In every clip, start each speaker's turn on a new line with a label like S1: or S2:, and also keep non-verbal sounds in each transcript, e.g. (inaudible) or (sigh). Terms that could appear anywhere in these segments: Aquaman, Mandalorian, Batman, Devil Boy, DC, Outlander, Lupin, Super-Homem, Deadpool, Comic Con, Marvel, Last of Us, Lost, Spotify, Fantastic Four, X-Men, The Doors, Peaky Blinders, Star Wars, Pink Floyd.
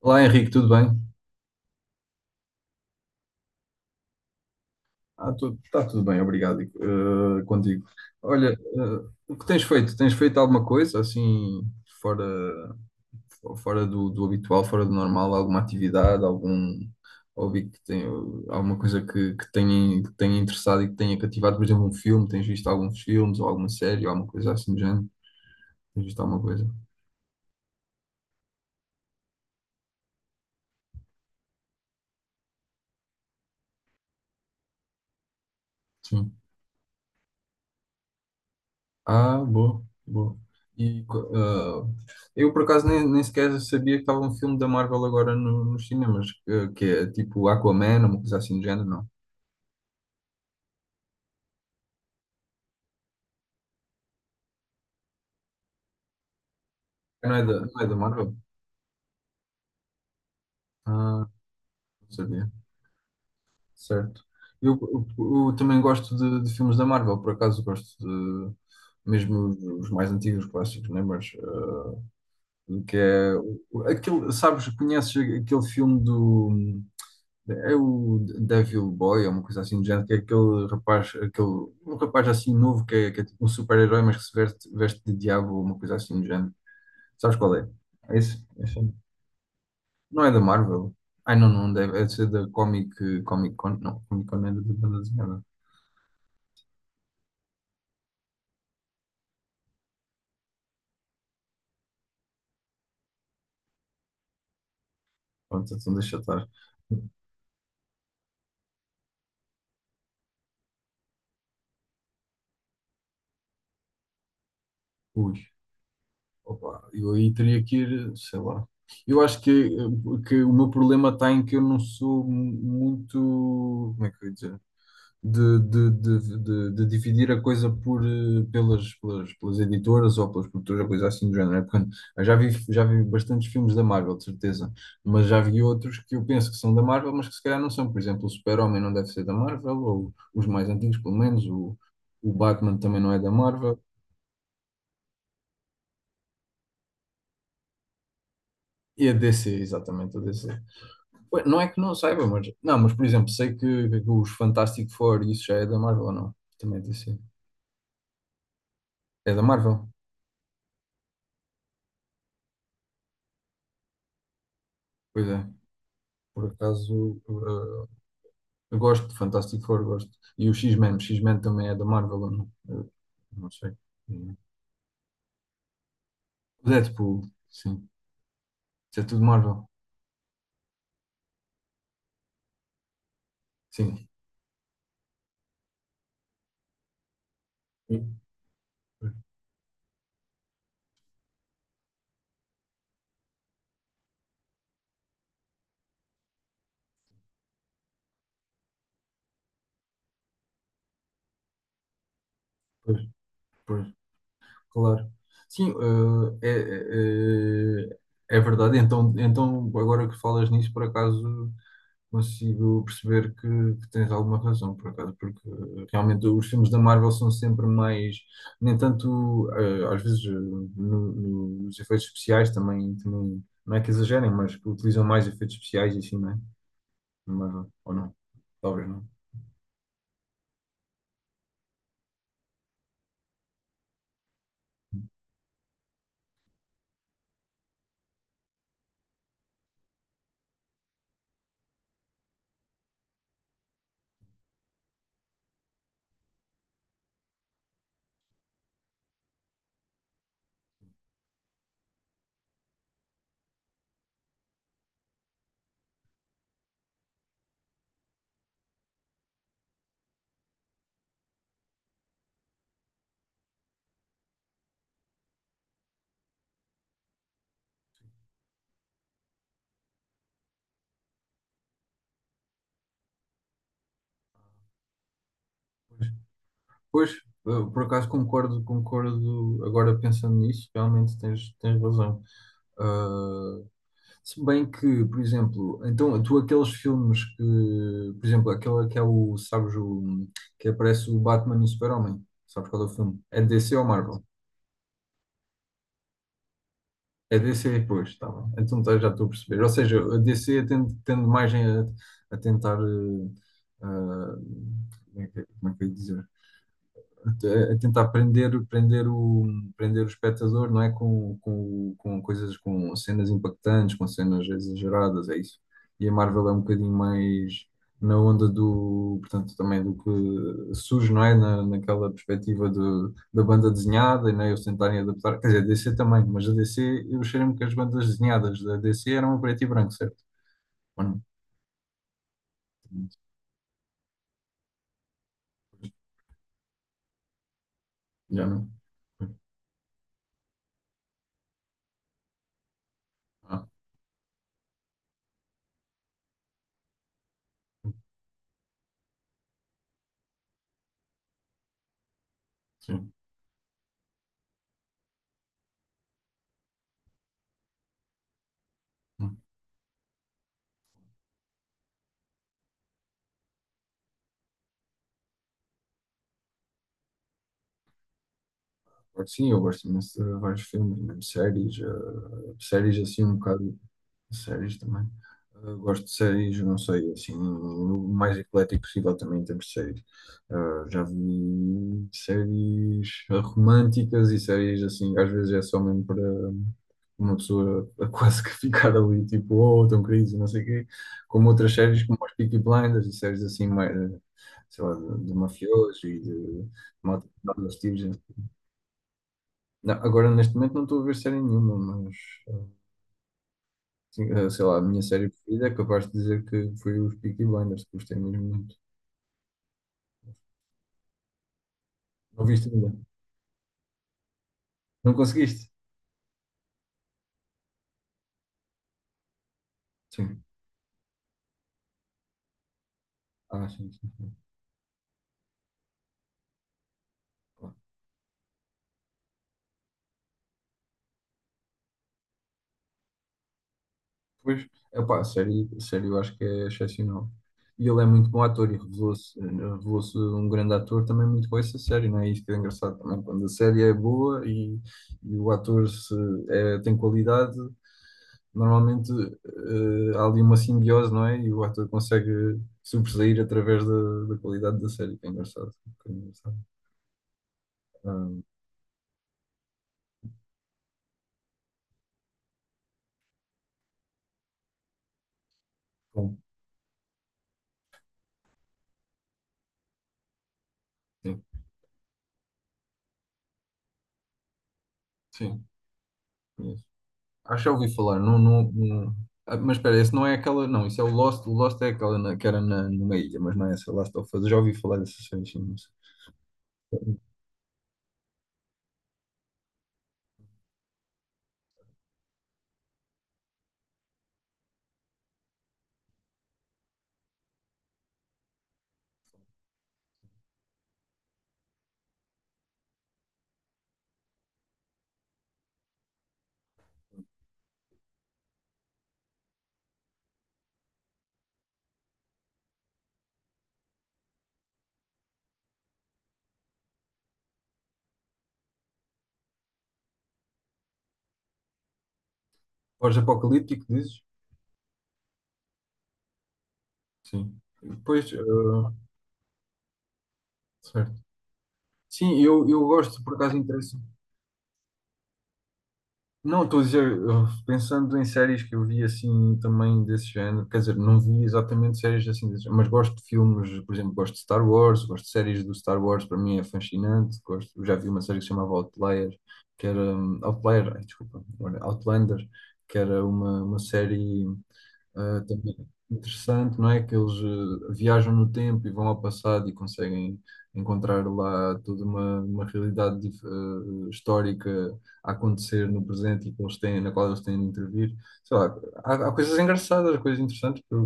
S1: Olá Henrique, tudo bem? Ah, Está tudo bem, obrigado, contigo. Olha, o que tens feito? Tens feito alguma coisa assim fora, fora do habitual, fora do normal, alguma atividade, algum hobby que tem alguma coisa que tenha interessado e que tenha cativado, por exemplo, um filme, tens visto alguns filmes ou alguma série ou alguma coisa assim do género? Tens visto alguma coisa? Sim. Ah, boa, boa. E, ah, eu, por acaso, nem sequer sabia que estava um filme da Marvel agora no, nos cinemas, que é tipo Aquaman, uma coisa assim do género, não. Não é da Marvel? Ah, não sabia. Certo. Eu, eu também gosto de filmes da Marvel, por acaso gosto de, mesmo os mais antigos clássicos, né? Mas, que é, aquele, sabes, conheces aquele filme do... É o Devil Boy, é uma coisa assim do género, que é aquele um rapaz assim novo que é tipo um super-herói, mas que se veste de diabo ou uma coisa assim do género. Sabes qual é? É esse. Não é da Marvel? Ai, não, não deve, é de ser da Comic Con, não, Comic Con é da banda desenhada. Pronto, então deixa estar. Ui, eu aí teria que ir, sei lá. Eu acho que o meu problema está em que eu não sou muito, como é que eu ia dizer? De dividir a coisa por, pelas editoras ou pelas produtoras, coisa assim do género. É porque eu já vi bastantes filmes da Marvel, de certeza, mas já vi outros que eu penso que são da Marvel, mas que se calhar não são. Por exemplo, o Super-Homem não deve ser da Marvel, ou os mais antigos, pelo menos, o Batman também não é da Marvel. E a DC, exatamente, a DC. Ué, não é que não saiba, mas. Não, mas por exemplo, sei que os Fantastic Four, isso já é da Marvel ou não? Também é DC. É da Marvel? Pois é. Por acaso, eu gosto de Fantastic Four, gosto. E o o X-Men também é da Marvel, ou não? Eu não sei. O Deadpool, sim. Isso é tudo Marvel. Sim. Pois, pois, pois, claro. Sim, eh, é, é, é é verdade. Então, agora que falas nisso, por acaso, consigo perceber que tens alguma razão, por acaso, porque realmente os filmes da Marvel são sempre mais, nem tanto, às vezes, nos efeitos especiais também, não é que exagerem, mas que utilizam mais efeitos especiais e assim, não é? Na Marvel, ou não? Talvez não. Pois, por acaso concordo, concordo, agora pensando nisso, realmente tens, tens razão. Ah, Se bem que, por exemplo, então tu aqueles filmes que, por exemplo, aquele que é sabes, que aparece o Batman e o Super-Homem, sabes qual é o filme? É DC ou Marvel? É DC, pois, tá bem. Então tá, já estou a perceber. Ou seja, a DC tende mais a tentar, ah, como é que eu ia dizer? A prender o espectador, não é? Com coisas, com cenas impactantes, com cenas exageradas, é isso. E a Marvel é um bocadinho mais na onda do, portanto, também do que surge, não é? Naquela perspectiva do, da banda desenhada, e não é? Eles tentarem adaptar, quer dizer, a DC também, mas a DC, eu cheiro-me que as bandas desenhadas da DC eram a preto e branco, certo? Ou não? Já não? Ah, sim. Claro que sim, eu gosto imenso de vários filmes, mesmo séries, séries assim um bocado, séries também. Gosto de séries, não sei, assim, o mais eclético possível também em termos de séries. Já vi séries românticas e séries assim, às vezes é só mesmo para uma pessoa a (laughs) quase que ficar ali, tipo, oh, tão crise, não sei o quê, como outras séries como as Peaky Blinders e séries assim mais, sei lá, de mafiosos e de malta que dá nos tiros, não, agora, neste momento, não estou a ver série nenhuma, mas eh, sim, sei lá, a minha série preferida é capaz de dizer que foi os Peaky Blinders, que gostei mesmo muito. Não viste ainda? Não conseguiste? Sim. Ah, sim. Claro. Pois, epá, a série eu acho que é excepcional. E ele é muito bom ator e revelou um grande ator também muito com essa série, não é? Isso que é engraçado também, quando a série é boa e o ator se, é- tem qualidade, normalmente há ali uma simbiose, não é? E o ator consegue sobressair através da, da qualidade da série, que é engraçado. Que é engraçado. Ah, bom, sim, sim, conheço. Acho que já ouvi falar, ah, mas espera, esse não é aquela, não, isso é o Lost é aquela na- que era na, numa ilha, mas não é essa, Last of Us, já ouvi falar dessa série, sim, não sei. Pós-apocalíptico, dizes? Sim. Pois, certo. Sim, eu gosto, por acaso interessa. Não, estou a dizer, eu- pensando em séries que eu vi assim também desse género, quer dizer, não vi exatamente séries assim desse género, mas gosto de filmes, por exemplo, gosto de Star Wars, gosto de séries do Star Wars, para mim é fascinante, gosto, eu já vi uma série que se chamava Outlier, que era, desculpa, olha, Outlander, que era uma série também interessante, não é? Que eles viajam no tempo e vão ao passado e conseguem encontrar lá toda uma realidade histórica a acontecer no presente e que eles têm, na qual eles têm de intervir. Sei lá, há coisas engraçadas, coisas interessantes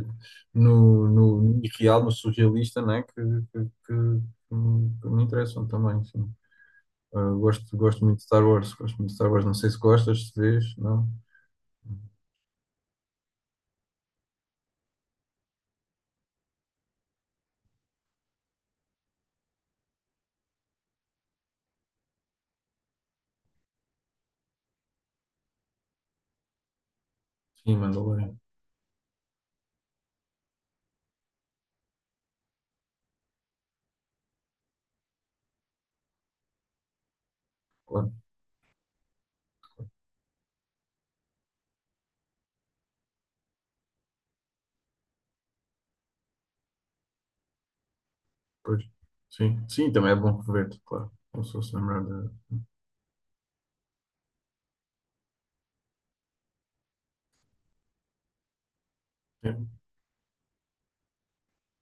S1: que- no irreal, no surrealista, não é? Que, que, que me interessam também, sim. Gosto muito de Star Wars, gosto muito de Star Wars. Não sei se gostas, se vês, não? Sim, Mandalorian. Claro. Pois. Sim, também é bom rever-te, claro. Como se fosse lembrar de. É.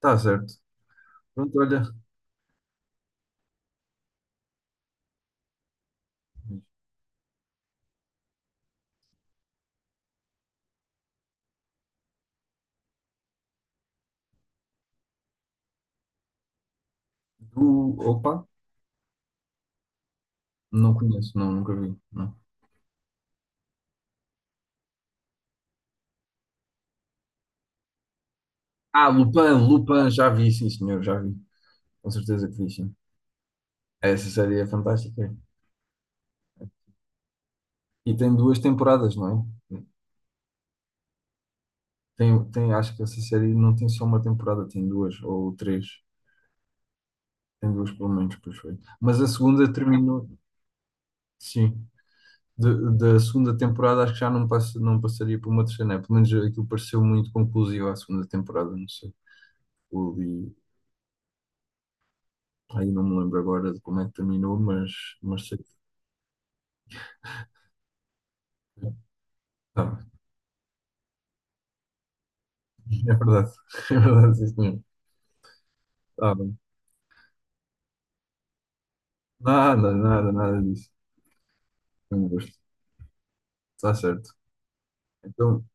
S1: Tá certo. Pronto, olha. Do... Opa, não conheço, não, nunca vi. Não. Ah, Lupin, já vi, sim, senhor, já vi. Com certeza que vi, sim. Essa série é fantástica. E tem duas temporadas, não é? Tem, acho que essa série não tem só uma temporada, tem duas ou três. Tem duas, pelo menos, pois foi. Mas a segunda terminou, sim. De- da segunda temporada acho que já não, passa, não passaria por uma terceira, né? Pelo menos aquilo pareceu muito conclusivo à segunda temporada, não sei. Eu li, aí não me lembro agora de como é que terminou, mas sei que. Tá, é verdade, (laughs) é verdade, isso mesmo. Tá bem. Nada disso. Foi um gosto. Está certo. Então,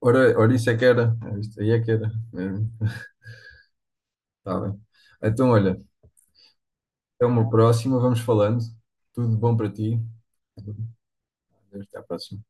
S1: isso é que era. É isto aí é que era. Está bem. Então, olha, até uma próxima, vamos falando. Tudo de bom para ti. Até à próxima.